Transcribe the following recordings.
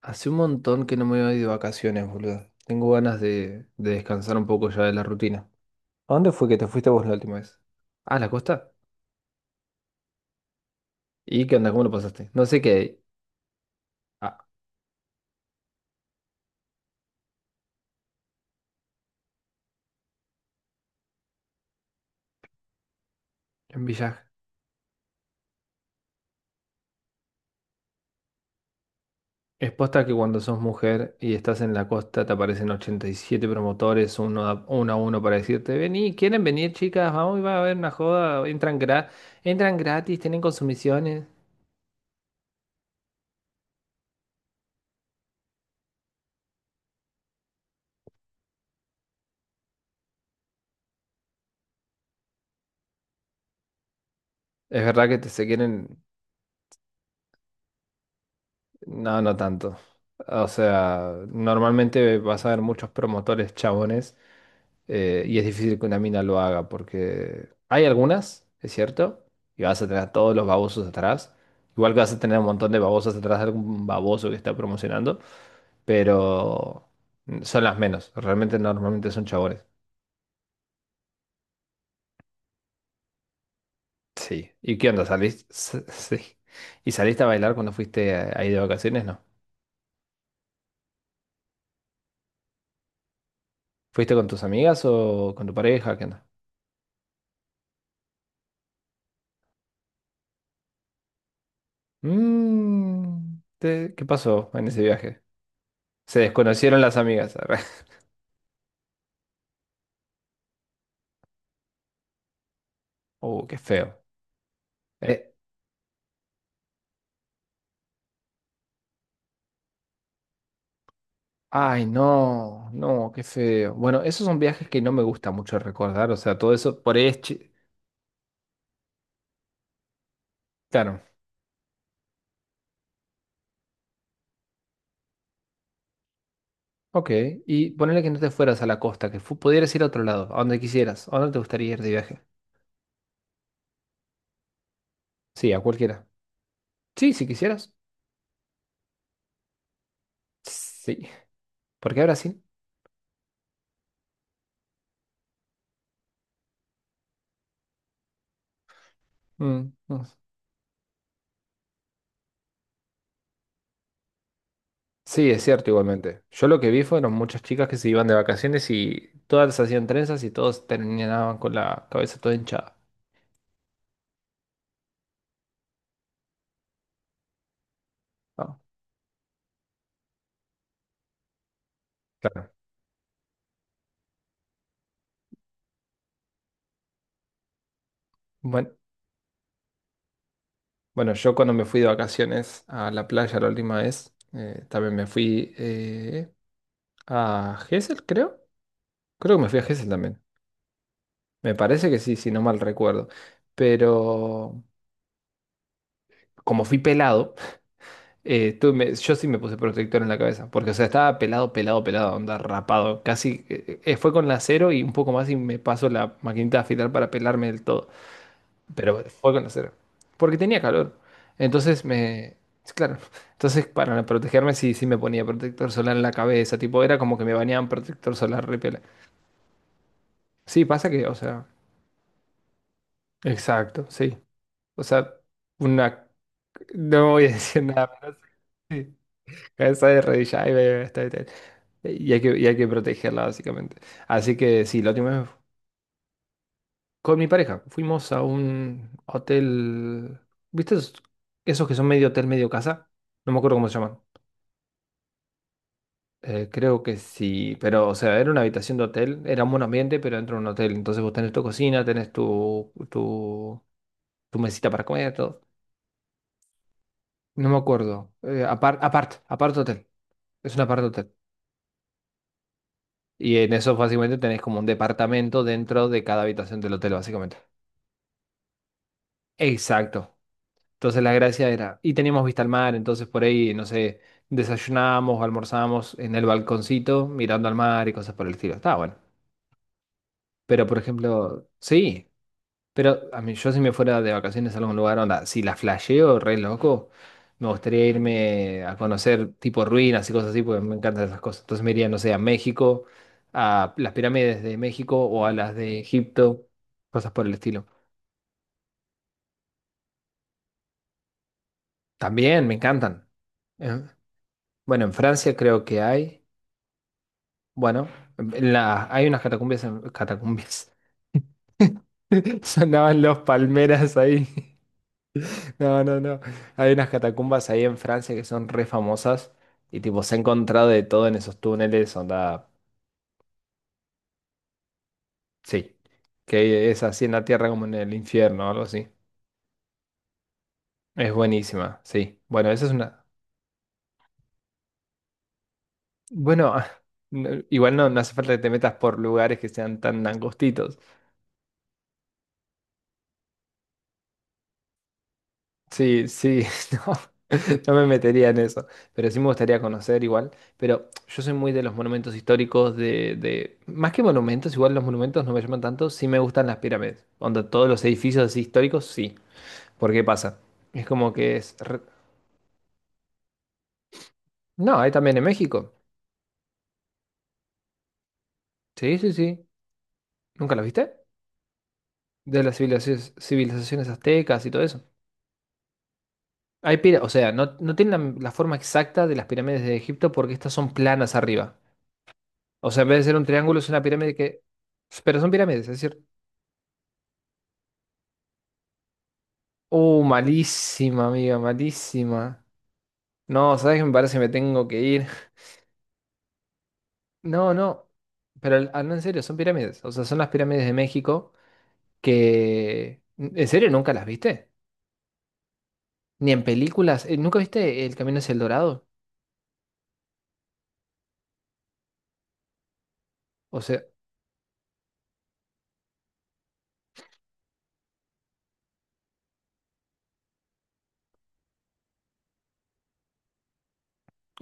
Hace un montón que no me voy de vacaciones, boludo. Tengo ganas de descansar un poco ya de la rutina. ¿A dónde fue que te fuiste vos la última vez? Ah, ¿a la costa? ¿Y qué onda? ¿Cómo lo pasaste? No sé qué hay. Ah, en Villaj. Es posta que cuando sos mujer y estás en la costa te aparecen 87 promotores, uno a uno, a uno para decirte, vení, ¿quieren venir chicas? Vamos, va a haber una joda, entran, entran gratis, tienen consumiciones. Es verdad que te, se quieren. No, no tanto. O sea, normalmente vas a ver muchos promotores chabones, y es difícil que una mina lo haga porque hay algunas, es cierto, y vas a tener a todos los babosos atrás. Igual que vas a tener un montón de babosas atrás de algún baboso que está promocionando, pero son las menos. Realmente normalmente son chabones. Sí. ¿Y qué onda? ¿Salís? Sí. ¿Y saliste a bailar cuando fuiste ahí de vacaciones? No. ¿Fuiste con tus amigas o con tu pareja? ¿Qué onda? Mm, ¿qué pasó en ese viaje? Se desconocieron las amigas. Arre. Qué feo. Eh, ay, no, no, qué feo. Bueno, esos son viajes que no me gusta mucho recordar. O sea, todo eso por ahí es chi- Claro. Ok. Y ponerle que no te fueras a la costa, que pudieras ir a otro lado, a donde quisieras. ¿A dónde te gustaría ir de viaje? Sí, a cualquiera. Sí, si quisieras. Sí. ¿Por qué a Brasil? Mm, mm. Sí, es cierto igualmente. Yo lo que vi fueron muchas chicas que se iban de vacaciones y todas hacían trenzas y todos terminaban con la cabeza toda hinchada. ¿No? Claro. Bueno, bueno, yo cuando me fui de vacaciones a la playa la última vez, también me fui a Gesell, creo. Creo que me fui a Gesell también. Me parece que sí, si no mal recuerdo. Pero como fui pelado, yo sí me puse protector en la cabeza, porque o sea, estaba pelado, pelado, pelado, onda rapado. Casi fue con la cero y un poco más y me paso la maquinita de afilar para pelarme del todo. Pero fue con la cero, porque tenía calor. Entonces me... Claro, entonces para protegerme sí, sí me ponía protector solar en la cabeza, tipo era como que me bañaban protector solar repela. Sí, pasa que, o sea, exacto, sí. O sea, una... No voy a decir nada, pero sí. Cabeza de rodilla, ahí, ahí, ahí, está, está. Y hay que protegerla, básicamente. Así que sí, la última vez con mi pareja fuimos a un hotel. ¿Viste esos, esos que son medio hotel, medio casa? No me acuerdo cómo se llaman. Creo que sí, pero o sea, era una habitación de hotel, era un buen ambiente, pero dentro de un hotel. Entonces vos tenés tu cocina, tenés tu mesita para comer, todo. No me acuerdo. Apart hotel. Es un apart hotel. Y en eso básicamente tenés como un departamento dentro de cada habitación del hotel, básicamente. Exacto. Entonces la gracia era, y teníamos vista al mar, entonces por ahí, no sé, desayunábamos o almorzábamos en el balconcito mirando al mar y cosas por el estilo. Estaba bueno. Pero por ejemplo, sí, pero a mí yo si me fuera de vacaciones a algún lugar, onda, si la flasheo, re loco, me gustaría irme a conocer tipo ruinas y cosas así, porque me encantan esas cosas. Entonces me iría, no sé, a México, a las pirámides de México o a las de Egipto, cosas por el estilo. También me encantan. Eh, Bueno, en Francia creo que hay. Bueno, hay unas catacumbas, en- catacumbias. Sonaban los palmeras ahí. No, no, no. Hay unas catacumbas ahí en Francia que son re famosas y tipo se ha encontrado de todo en esos túneles, onda, sí, que es así en la tierra como en el infierno, o algo así. Es buenísima, sí. Bueno, esa es una... Bueno, no- igual no, no hace falta que te metas por lugares que sean tan angostitos. Sí, sí, no, no me metería en eso, pero sí me gustaría conocer igual. Pero yo soy muy de los monumentos históricos, más que monumentos, igual los monumentos no me llaman tanto, sí me gustan las pirámides, donde todos los edificios así históricos, sí. ¿Por qué pasa? Es como que es... re- No, hay también en México. Sí, sí, sí. ¿Nunca las viste? De las civilizaciones, civilizaciones aztecas y todo eso. O sea, no, no tienen la forma exacta de las pirámides de Egipto porque estas son planas arriba. O sea, en vez de ser un triángulo, es una pirámide que... Pero son pirámides, es decir. Malísima, amiga, malísima. No, ¿sabes qué? Me parece que me tengo que ir. No, no. Pero no, en serio, son pirámides. O sea, son las pirámides de México que... ¿En serio nunca las viste? Ni en películas. ¿Nunca viste El Camino hacia el Dorado? O sea,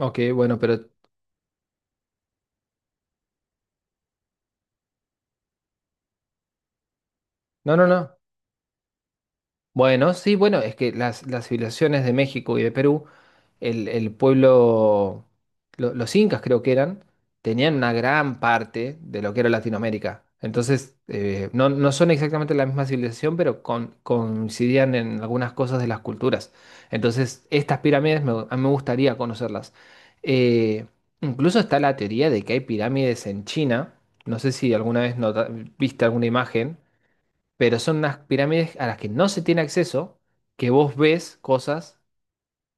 ok, bueno, pero... No, no, no. Bueno, sí, bueno, es que las civilizaciones de México y de Perú, el pueblo, los incas creo que eran, tenían una gran parte de lo que era Latinoamérica. Entonces, no, no son exactamente la misma civilización, pero coincidían en algunas cosas de las culturas. Entonces, estas pirámides me, a mí me gustaría conocerlas. Eh, incluso está la teoría de que hay pirámides en China. No sé si alguna vez viste alguna imagen, pero son unas pirámides a las que no se tiene acceso, que vos ves cosas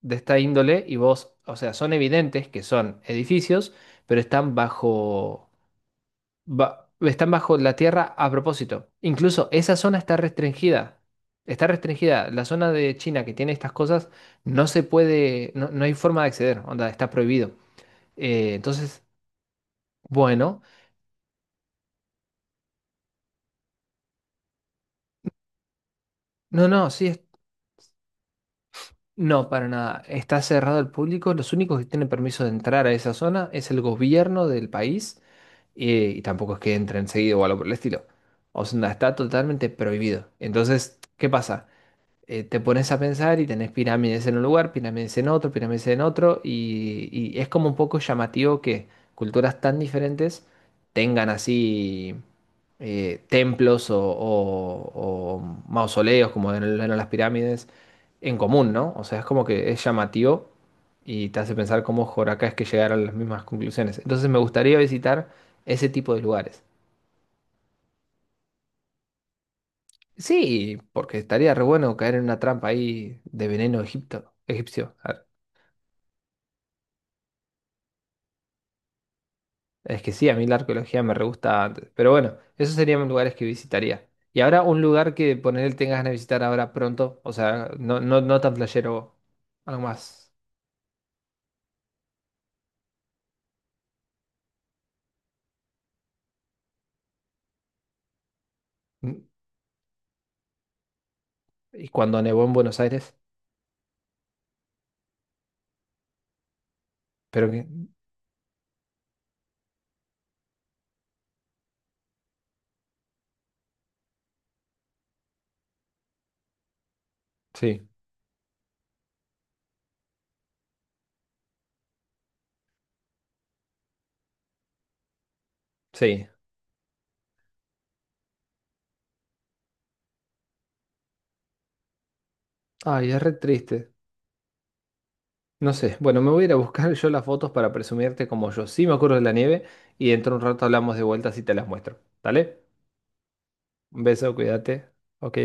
de esta índole y vos, o sea, son evidentes que son edificios, pero están bajo, están bajo la tierra a propósito. Incluso esa zona está restringida. Está restringida. La zona de China que tiene estas cosas no se puede, no, no hay forma de acceder, onda, está prohibido. Entonces, bueno, no, no, sí, no, para nada. Está cerrado al público. Los únicos que tienen permiso de entrar a esa zona es el gobierno del país, y, tampoco es que entren seguido o algo por el estilo. O sea, está totalmente prohibido. Entonces, ¿qué pasa? Te pones a pensar y tenés pirámides en un lugar, pirámides en otro, y es como un poco llamativo que culturas tan diferentes tengan así, templos o mausoleos, como eran las pirámides, en común, ¿no? O sea, es como que es llamativo y te hace pensar cómo acá es que llegaron a las mismas conclusiones. Entonces me gustaría visitar ese tipo de lugares. Sí, porque estaría re bueno caer en una trampa ahí de veneno egipcio. Es que sí, a mí la arqueología me re gusta. Pero bueno, esos serían lugares que visitaría. Y ahora un lugar que ponerle tengas ganas de visitar ahora pronto. O sea, no, no, no tan playero, algo más. Mm, y cuando nevó en Buenos Aires. Pero que. Sí, sí. Ay, es re triste. No sé. Bueno, me voy a ir a buscar yo las fotos para presumirte como yo sí me acuerdo de la nieve. Y dentro de un rato hablamos de vueltas y te las muestro. ¿Dale? Un beso, cuídate. Ok.